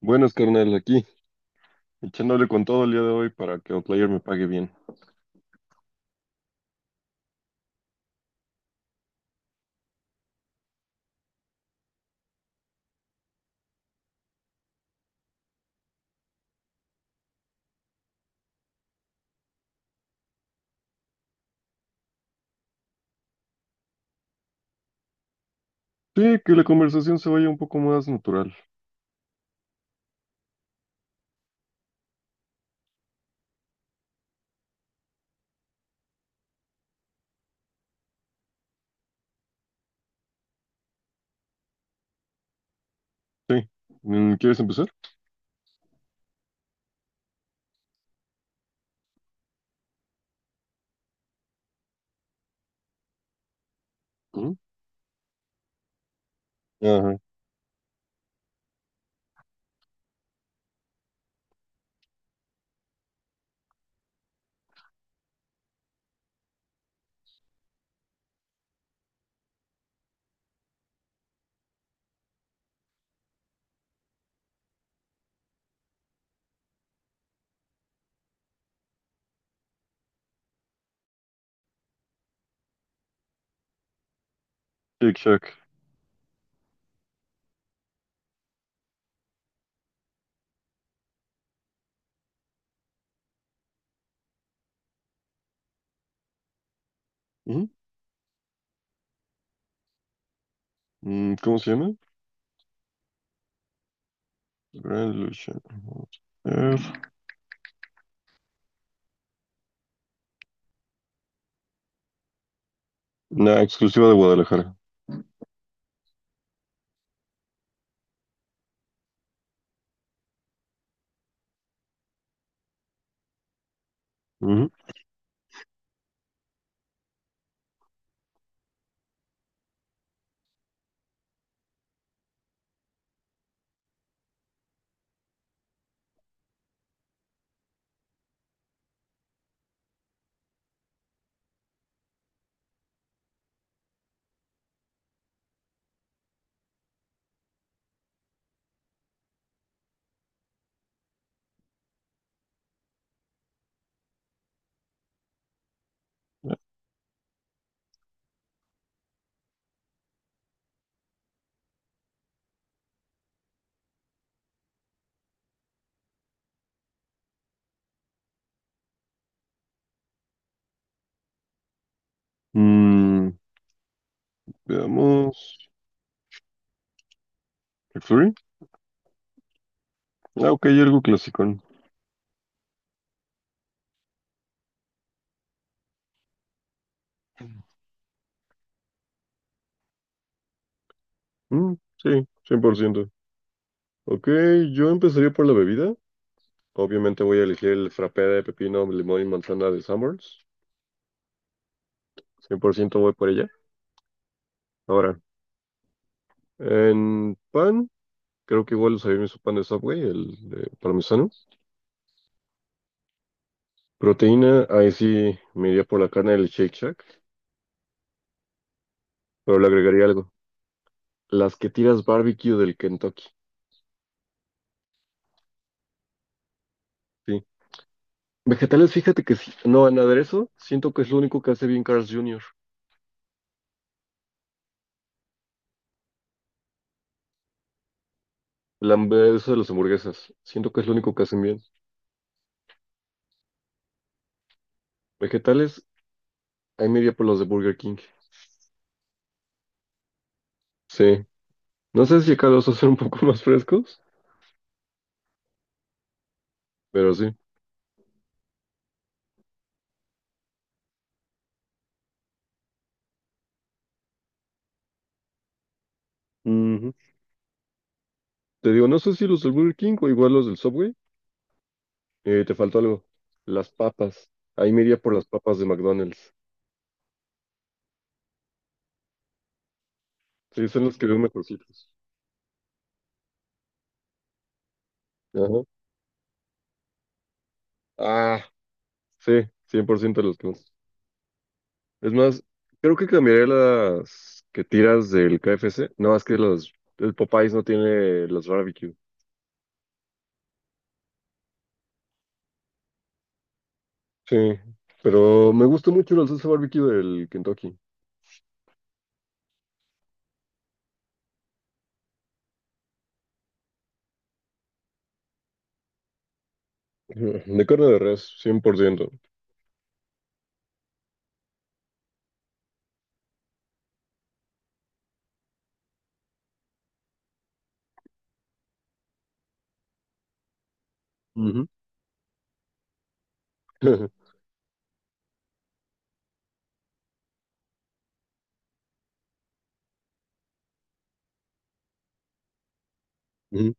Buenas, carnal, aquí, echándole con todo el día de hoy para que Outlier me pague bien. Sí, que la conversación se vaya un poco más natural. Sí. Mm, ¿quieres empezar? Ujú. Ajá. Shake Shack. Ujú. Mm, ¿cómo se llama? Grand Lucha. Una exclusiva de Guadalajara. Ujú. Mm, veamos. McFlurry. Ah, ok, algo clásico. Mm, sí, cien por ciento. Ok, yo empezaría por la bebida. Obviamente voy a elegir el frappé de pepino, limón y manzana de Sanborns. Cien por ciento voy por ella. Ahora, en pan, creo que igual usaría su pan de Subway, el de parmesano. Proteína, ahí sí me iría por la carne del Shake Shack, pero le agregaría algo. Las que tiras barbecue del Kentucky. Sí. Vegetales, fíjate que sí. No, en aderezo, siento que es lo único que hace bien Carl's Jr. El aderezo de las hamburguesas. Siento que es lo único que hacen bien. Vegetales, hay media por los de Burger King. Sí. No sé si acá los hacen un poco más frescos, pero sí. Ujú. Te digo, no sé si los del Burger King o igual los del Subway. Te faltó algo. Las papas. Ahí me iría por las papas de McDonald's. Sí, son los que veo mejorcitos. Ajá. Ah, sí, 100% los que más. Es más, creo que cambiaré las que tiras del KFC. No, es que el Popeyes no tiene los barbecue. Sí, pero me gusta mucho la salsa barbecue del Kentucky. De carne de res, 100%. Ujú. Ujú.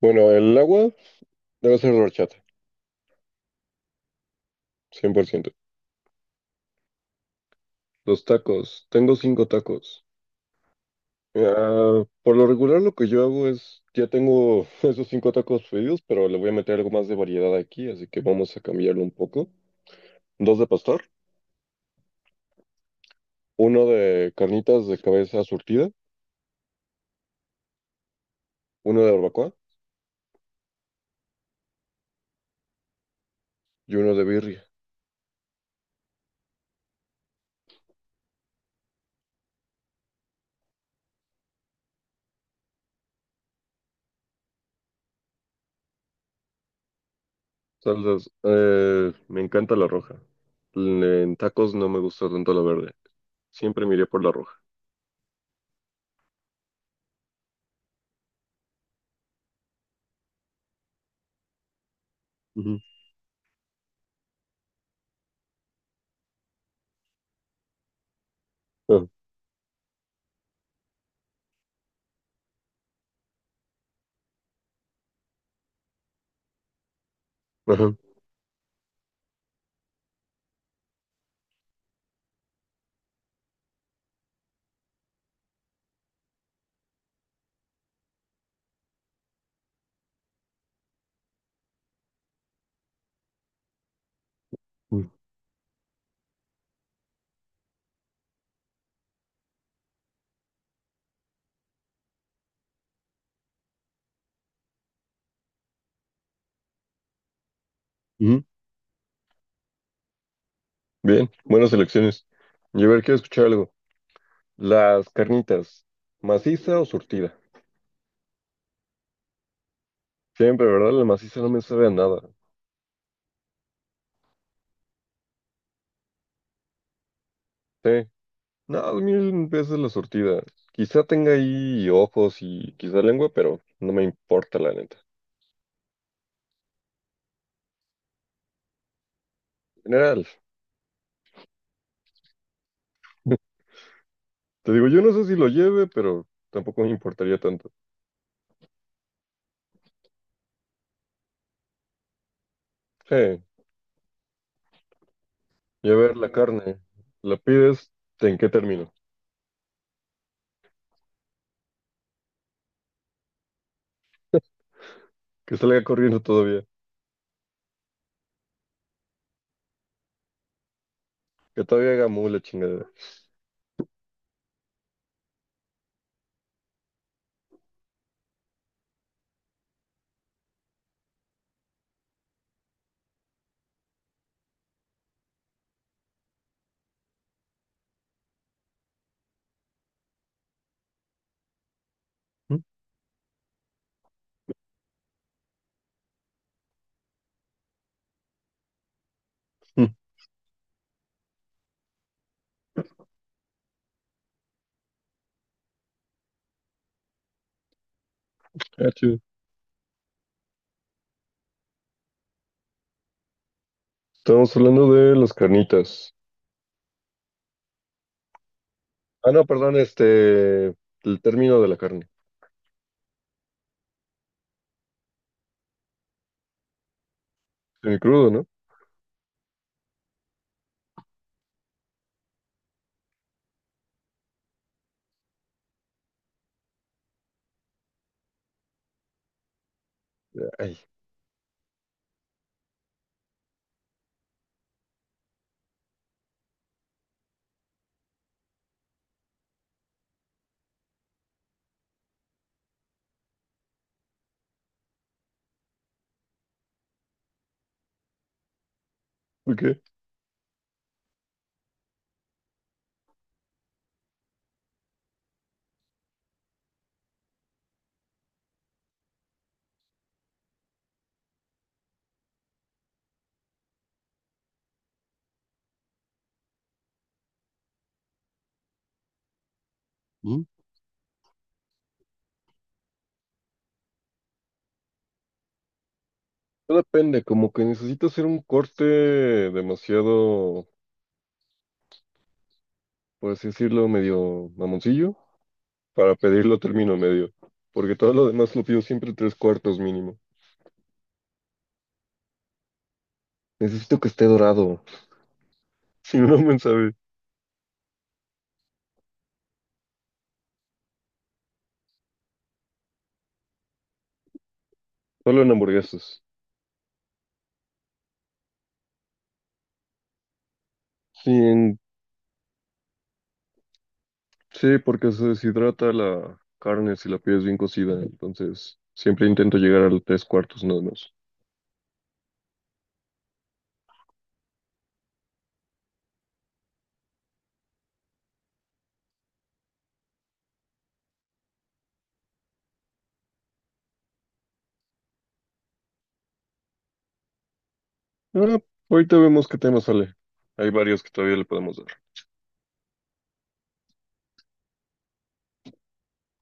Bueno, el agua debe ser de horchata, cien por ciento. Los tacos, tengo cinco tacos. Ah, por lo regular lo que yo hago es, ya tengo esos cinco tacos pedidos, pero le voy a meter algo más de variedad aquí, así que vamos a cambiarlo un poco. Dos de pastor, uno de carnitas de cabeza surtida, uno de barbacoa y uno de birria. Salsas, me encanta la roja. En tacos no me gusta tanto la verde. Siempre miré por la roja. Ujú. Ah, ajá. Ujú. Ujú. Bien, buenas elecciones. Y a ver, quiero escuchar algo. Las carnitas, ¿maciza o surtida? Siempre, ¿verdad? La maciza no me sabe a nada. Sí. No, mil veces la surtida. Quizá tenga ahí ojos y quizá lengua, pero no me importa la neta. En general. Te digo, yo no sé si lo lleve, pero tampoco me importaría tanto. Sí. Y a ver la carne. La pides, ¿en qué término? Que salga corriendo todavía. Que todavía haga mu la chingada. Mm, mm, ah, chido. Estamos hablando de las carnitas. Ah, no, perdón, este, el término de la carne. Semi crudo, ¿no? Ay, ¿por qué? Mm. Todo depende, como que necesito hacer un corte demasiado, por así decirlo, medio mamoncillo, para pedirlo término medio, porque todo lo demás lo pido siempre tres cuartos mínimo. Necesito que esté dorado, si no, no me sabe. Solo en hamburguesas. Sí, sí, porque se deshidrata la carne si la pides bien cocida, entonces siempre intento llegar a los tres cuartos nada más. Ah, ahorita vemos qué tema sale. Hay varios que todavía le podemos dar.